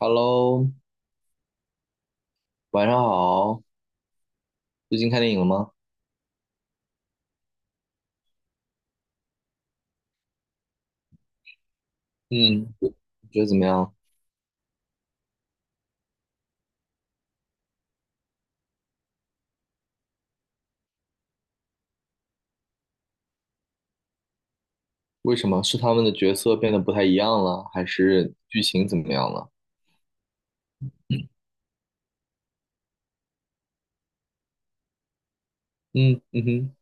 Hello，晚上好。最近看电影了吗？嗯，你觉得怎么样？为什么？是他们的角色变得不太一样了，还是剧情怎么样了？嗯嗯哼，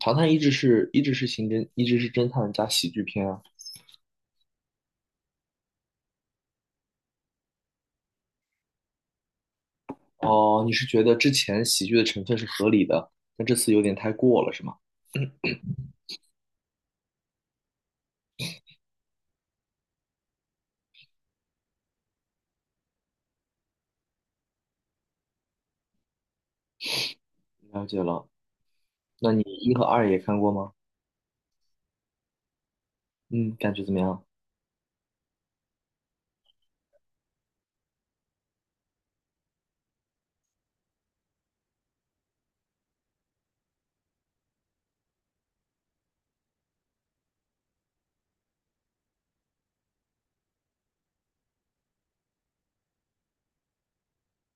唐探一直是刑侦，一直是侦探加喜剧片啊。哦，你是觉得之前喜剧的成分是合理的，但这次有点太过了，是吗？了解了。那你一和二也看过吗？嗯，感觉怎么样？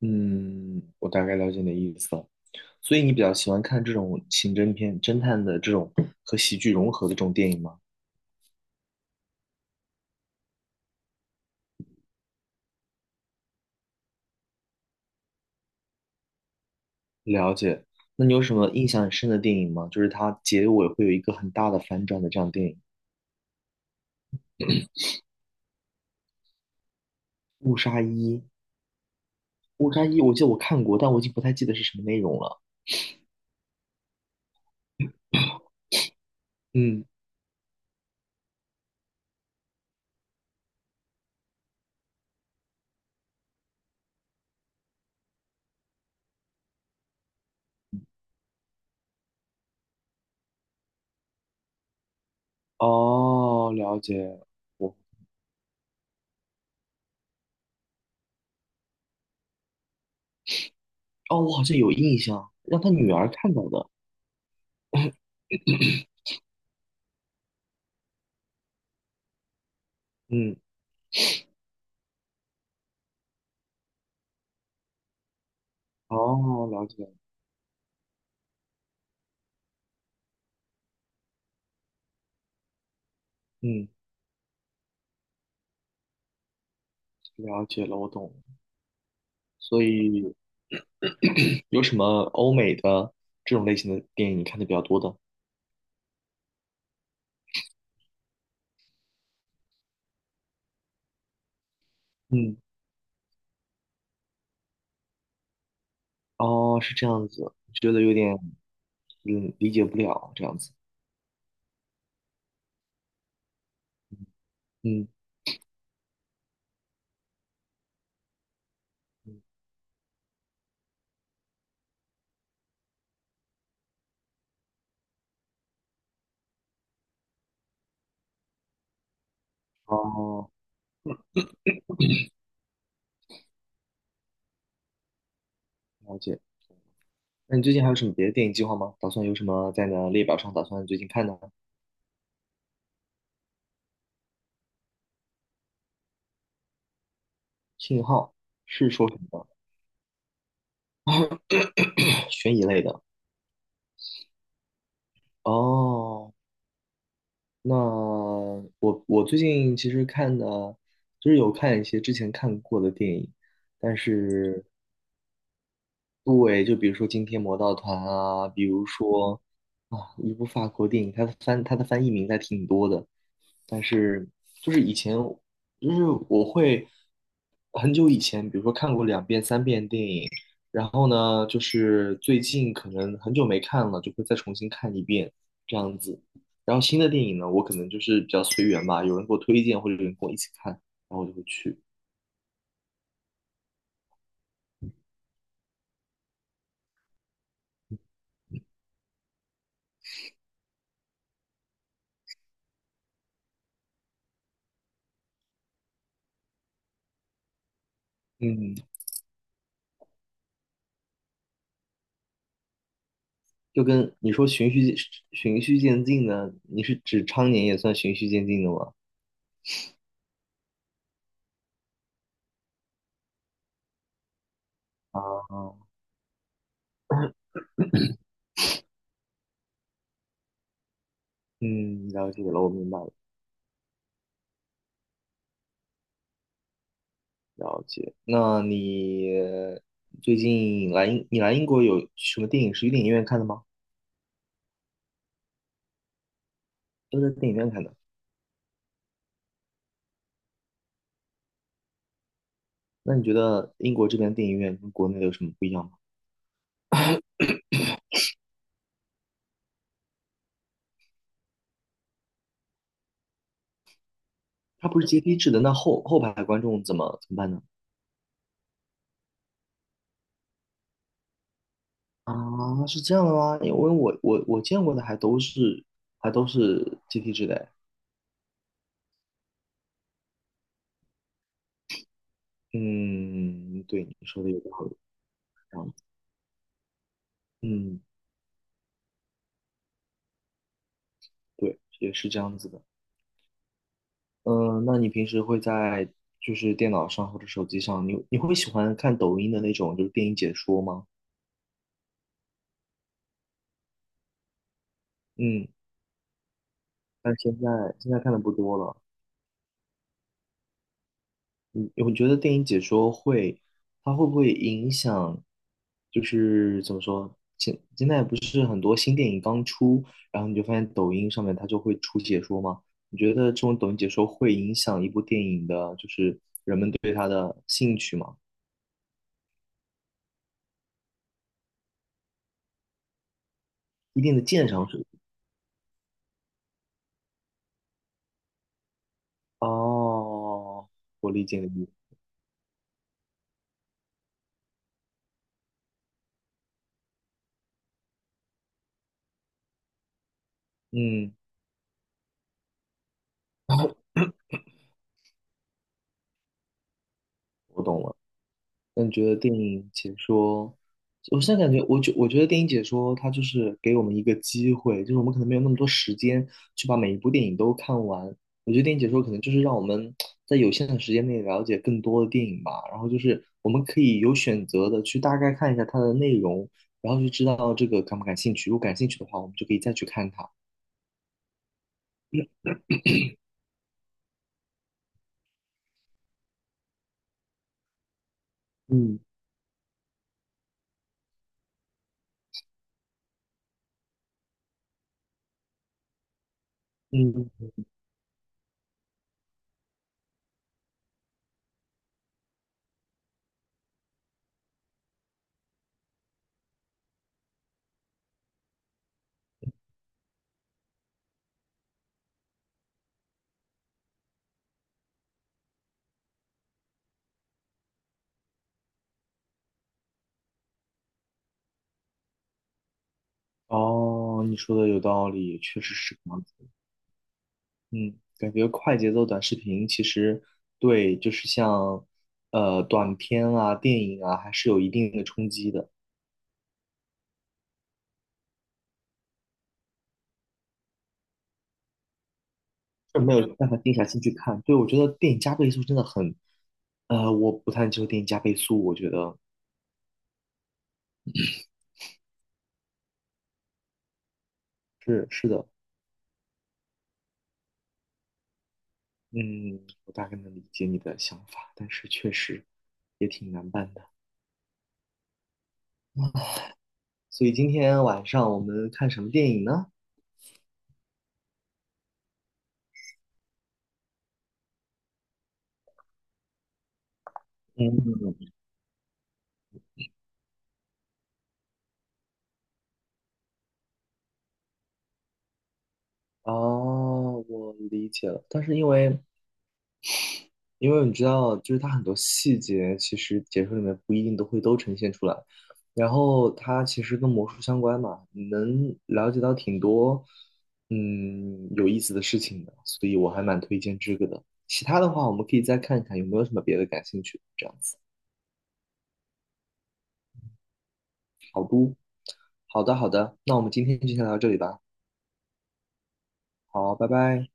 嗯，我大概了解你的意思了。所以你比较喜欢看这种刑侦片、侦探的这种和喜剧融合的这种电影吗？了解。那你有什么印象很深的电影吗？就是它结尾会有一个很大的反转的这样的电影，《误杀一》。《误杀一》我记得我看过，但我已经不太记得是什么内容了。嗯，哦，了解。我哦，我好像有印象，让他女儿看到的。嗯，哦，了解。嗯，了解了，我懂。所以 有什么欧美的这种类型的电影你看的比较多的？嗯，哦，是这样子，觉得有点理解不了这样子。嗯，嗯哦，了解。那你最近还有什么别的电影计划吗？打算有什么在你的列表上打算最近看的呢？信号是说什么的 悬疑类的。哦，那我最近其实看的，就是有看一些之前看过的电影，但是对，就比如说今天魔盗团啊，比如说啊，一部法国电影，它的翻译名还挺多的，但是就是以前就是我会很久以前，比如说看过两遍三遍电影，然后呢，就是最近可能很久没看了，就会再重新看一遍这样子。然后新的电影呢，我可能就是比较随缘吧，有人给我推荐或者有人跟我一起看，然后我就会去。嗯。就跟你说循序渐进的，你是指常年也算循序渐进的吗？啊，嗯，了解了，我明白了，了解。那你最近来英，你来英国有什么电影是去电影院看的吗？都在电影院看的。那你觉得英国这边电影院跟国内有什么不一样吗？它不是阶梯制的，那后排观众怎么办呢？啊，是这样的吗？因为我见过的还都是阶梯制的哎。嗯，对，你说的有道理。这嗯，对，也是这样子的。嗯，那你平时会在就是电脑上或者手机上，你会喜欢看抖音的那种就是电影解说吗？嗯，但现在看的不多了。我觉得电影解说会，它会不会影响？就是怎么说，现在不是很多新电影刚出，然后你就发现抖音上面它就会出解说吗？你觉得这种抖音解说会影响一部电影的，就是人们对它的兴趣吗？一定的鉴赏水哦，我理解你，嗯 我懂了。那你觉得电影解说，我现在感觉，我觉得电影解说它就是给我们一个机会，就是我们可能没有那么多时间去把每一部电影都看完。我觉得电影解说可能就是让我们在有限的时间内了解更多的电影吧，然后就是我们可以有选择的去大概看一下它的内容，然后就知道这个感不感兴趣。如果感兴趣的话，我们就可以再去看它。嗯嗯哦，你说的有道理，确实是这样子。嗯，感觉快节奏短视频其实对，就是像短片啊、电影啊，还是有一定的冲击的，就没有办法静下心去看。对，我觉得电影加倍速真的很，我不太接受电影加倍速，我觉得是是的，嗯，我大概能理解你的想法，但是确实也挺难办的。所以今天晚上我们看什么电影呢？哦，我理解了。但是因为你知道，就是它很多细节其实解说里面不一定都会都呈现出来。然后它其实跟魔术相关嘛，你能了解到挺多有意思的事情的，所以我还蛮推荐这个的。其他的话，我们可以再看看有没有什么别的感兴趣的这样子。好的，好的，那我们今天就先聊到这里吧。好，拜拜。